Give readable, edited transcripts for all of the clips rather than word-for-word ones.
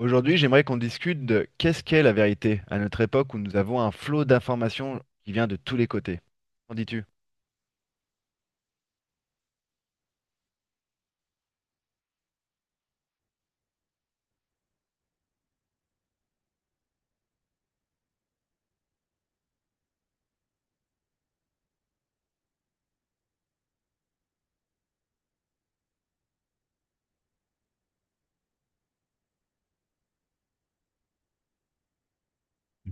Aujourd'hui, j'aimerais qu'on discute de qu'est-ce qu'est la vérité à notre époque où nous avons un flot d'informations qui vient de tous les côtés. Qu'en dis-tu?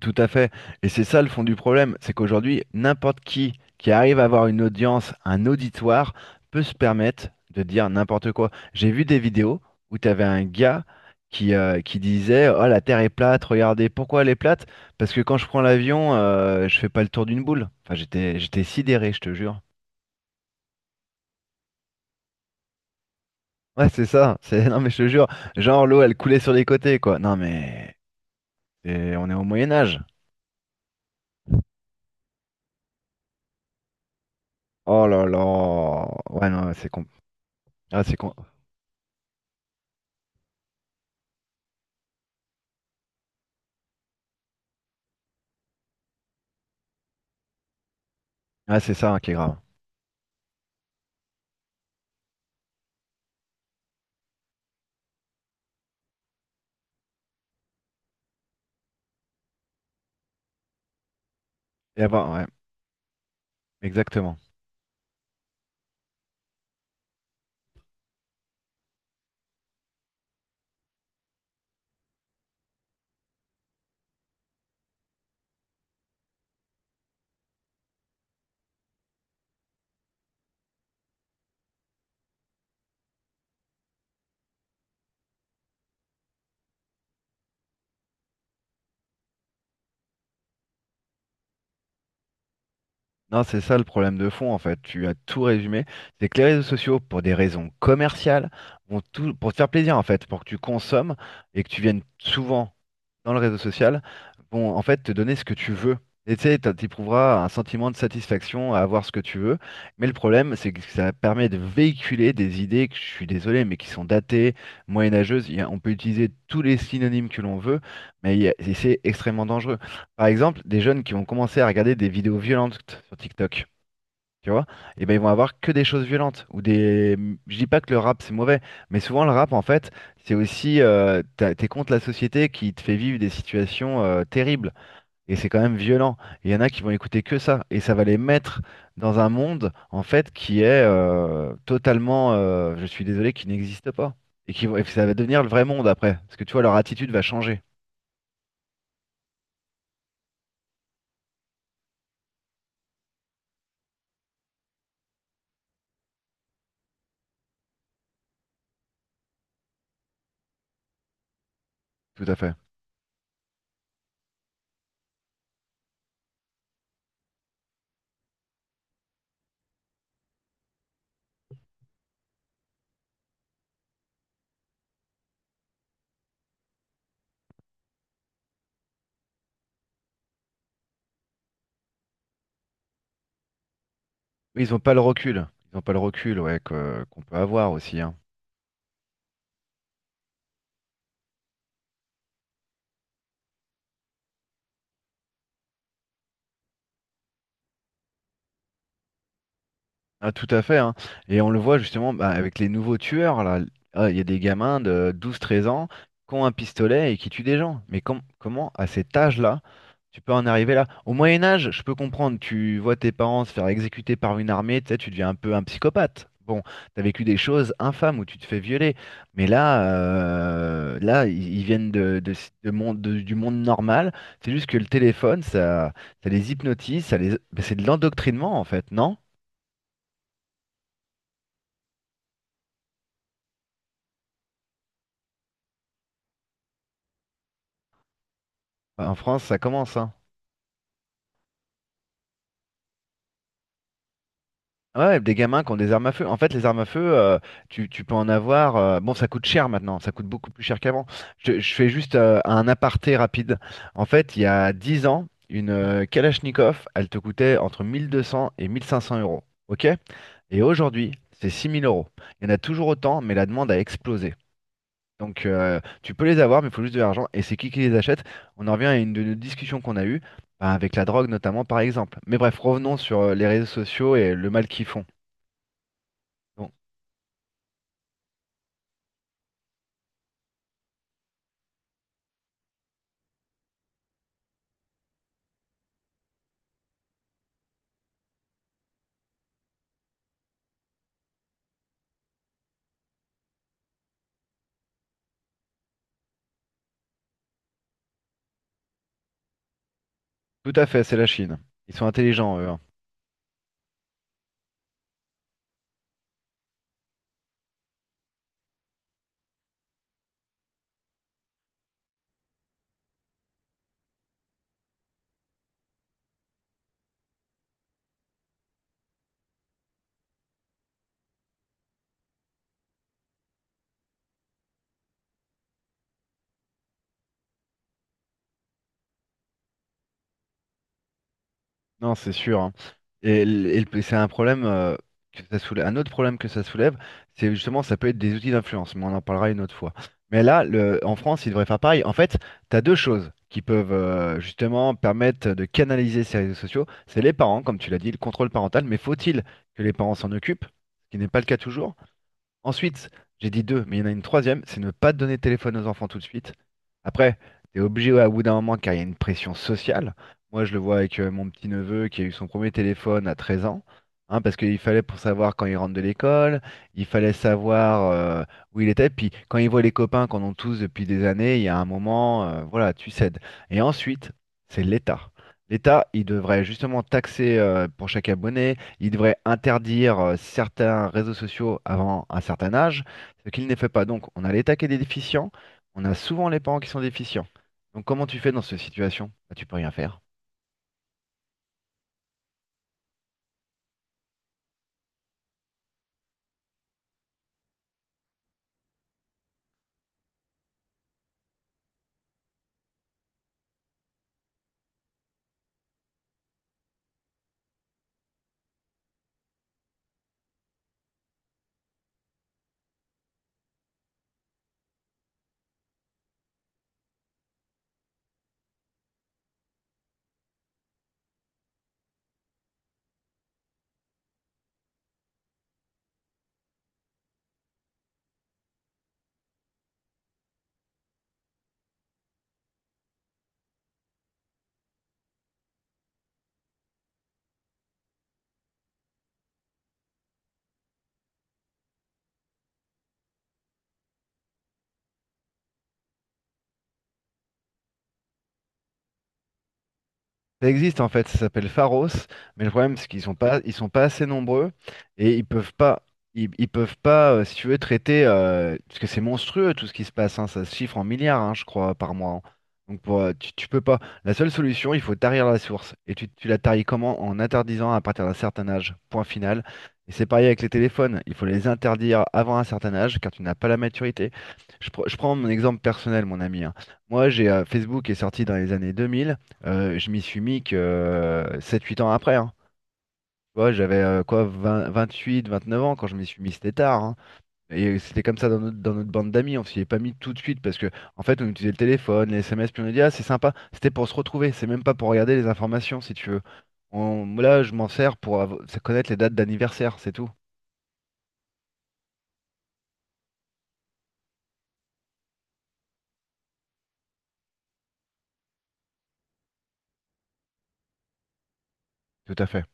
Tout à fait. Et c'est ça le fond du problème, c'est qu'aujourd'hui, n'importe qui arrive à avoir une audience, un auditoire, peut se permettre de dire n'importe quoi. J'ai vu des vidéos où tu avais un gars qui disait: «Oh, la Terre est plate, regardez, pourquoi elle est plate? Parce que quand je prends l'avion, je fais pas le tour d'une boule.» Enfin, j'étais sidéré, je te jure. Ouais, c'est ça. Non, mais je te jure, genre l'eau, elle coulait sur les côtés, quoi. Non, mais et on est au Moyen Âge. Oh là là. Ouais, non, c'est con. Ah, c'est con. Ah, c'est ça, hein, qui est grave. Et bah, ouais, exactement. Non, c'est ça le problème de fond, en fait. Tu as tout résumé. C'est que les réseaux sociaux, pour des raisons commerciales, vont tout... pour te faire plaisir, en fait, pour que tu consommes et que tu viennes souvent dans le réseau social, vont en fait te donner ce que tu veux. Et tu sais, t'éprouveras un sentiment de satisfaction à avoir ce que tu veux. Mais le problème, c'est que ça permet de véhiculer des idées que je suis désolé, mais qui sont datées, moyenâgeuses. On peut utiliser tous les synonymes que l'on veut, mais et c'est extrêmement dangereux. Par exemple, des jeunes qui vont commencer à regarder des vidéos violentes sur TikTok, tu vois, et ben ils vont avoir que des choses violentes ou des. Je dis pas que le rap c'est mauvais, mais souvent le rap en fait c'est aussi t'es contre la société qui te fait vivre des situations terribles et c'est quand même violent. Et il y en a qui vont écouter que ça et ça va les mettre dans un monde en fait qui est totalement, je suis désolé, qui n'existe pas et et ça va devenir le vrai monde après parce que tu vois leur attitude va changer, tout à fait. Oui, ils ont pas le recul, ils ont pas le recul, ouais, qu'on peut avoir aussi, hein. Ah, tout à fait, hein. Et on le voit justement, bah, avec les nouveaux tueurs, là. Ah, il y a des gamins de 12 13 ans qui ont un pistolet et qui tuent des gens. Mais comment, à cet âge-là, tu peux en arriver là? Au Moyen Âge, je peux comprendre, tu vois tes parents se faire exécuter par une armée, tu sais, tu deviens un peu un psychopathe. Bon, t'as vécu des choses infâmes où tu te fais violer. Mais là, là, ils viennent de, de monde, du monde normal. C'est juste que le téléphone, ça les hypnotise, c'est de l'endoctrinement en fait, non? Bah, en France, ça commence, hein. Ouais, des gamins qui ont des armes à feu. En fait, les armes à feu, tu peux en avoir. Bon, ça coûte cher maintenant, ça coûte beaucoup plus cher qu'avant. Je fais juste un aparté rapide. En fait, il y a 10 ans, une Kalachnikov, elle te coûtait entre 1200 et 1500 euros. OK? Et aujourd'hui, c'est 6000 euros. Il y en a toujours autant, mais la demande a explosé. Donc tu peux les avoir, mais il faut juste de l'argent. Et c'est qui les achète? On en revient à une de nos discussions qu'on a eues, bah, avec la drogue notamment par exemple. Mais bref, revenons sur les réseaux sociaux et le mal qu'ils font. Donc, tout à fait, c'est la Chine. Ils sont intelligents, eux, hein. Non, c'est sûr, hein. Et, c'est un problème que ça soulève. Un autre problème que ça soulève, c'est justement, ça peut être des outils d'influence, mais on en parlera une autre fois. Mais là, en France, il devrait faire pareil. En fait, tu as deux choses qui peuvent justement permettre de canaliser ces réseaux sociaux. C'est les parents, comme tu l'as dit, le contrôle parental. Mais faut-il que les parents s'en occupent? Ce qui n'est pas le cas toujours. Ensuite, j'ai dit deux, mais il y en a une troisième, c'est ne pas donner de téléphone aux enfants tout de suite. Après, t'es obligé, ouais, au bout d'un moment car il y a une pression sociale. Moi, je le vois avec mon petit-neveu qui a eu son premier téléphone à 13 ans, hein, parce qu'il fallait pour savoir quand il rentre de l'école, il fallait savoir où il était, puis quand il voit les copains qu'on a tous depuis des années, il y a un moment, voilà, tu cèdes. Et ensuite, c'est l'État. L'État, il devrait justement taxer pour chaque abonné, il devrait interdire certains réseaux sociaux avant un certain âge, ce qu'il n'est fait pas. Donc, on a les taquets est déficient, on a souvent les parents qui sont déficients. Donc, comment tu fais dans cette situation? Bah, tu peux rien faire. Ça existe en fait, ça s'appelle Pharos, mais le problème c'est qu'ils sont pas, ils sont pas assez nombreux et ils peuvent pas, si tu veux, traiter, parce que c'est monstrueux tout ce qui se passe, hein, ça se chiffre en milliards, hein, je crois, par mois, hein. Donc pour, tu peux pas. La seule solution, il faut tarir la source. Et tu la taries comment? En interdisant à partir d'un certain âge, point final. Et c'est pareil avec les téléphones, il faut les interdire avant un certain âge car tu n'as pas la maturité. Je prends mon exemple personnel, mon ami, hein. Moi, j'ai Facebook est sorti dans les années 2000. Je m'y suis mis que, 7-8 ans après, hein. Tu vois, j'avais, quoi, 8 29 ans quand je m'y suis mis, c'était tard, hein, et c'était comme ça dans notre bande d'amis, on s'y est pas mis tout de suite parce que en fait, on utilisait le téléphone, les SMS, puis on a dit: «Ah, c'est sympa». C'était pour se retrouver, c'est même pas pour regarder les informations, si tu veux. On là, je m'en sers pour av connaître les dates d'anniversaire, c'est tout. Tout à fait.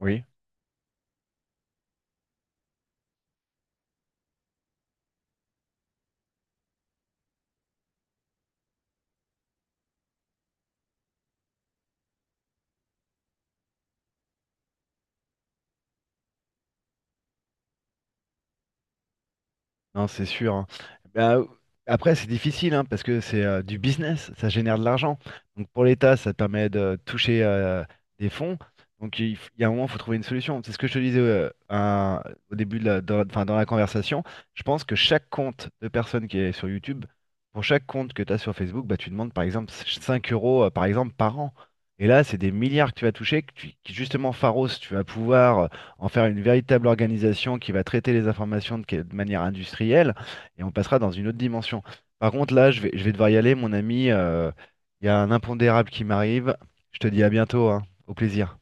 Oui. Non, c'est sûr, hein. Bah, après, c'est difficile, hein, parce que c'est du business, ça génère de l'argent. Donc pour l'État, ça te permet de toucher des fonds. Donc il y a un moment, il faut trouver une solution. C'est ce que je te disais au début de la, dans, enfin, dans la conversation. Je pense que chaque compte de personne qui est sur YouTube, pour chaque compte que tu as sur Facebook, bah, tu demandes par exemple 5 € par exemple, par an. Et là, c'est des milliards que tu vas toucher, qui justement, Pharos, tu vas pouvoir en faire une véritable organisation qui va traiter les informations de, de manière industrielle, et on passera dans une autre dimension. Par contre, là, je vais devoir y aller, mon ami. Il y a un impondérable qui m'arrive. Je te dis à bientôt, hein. Au plaisir.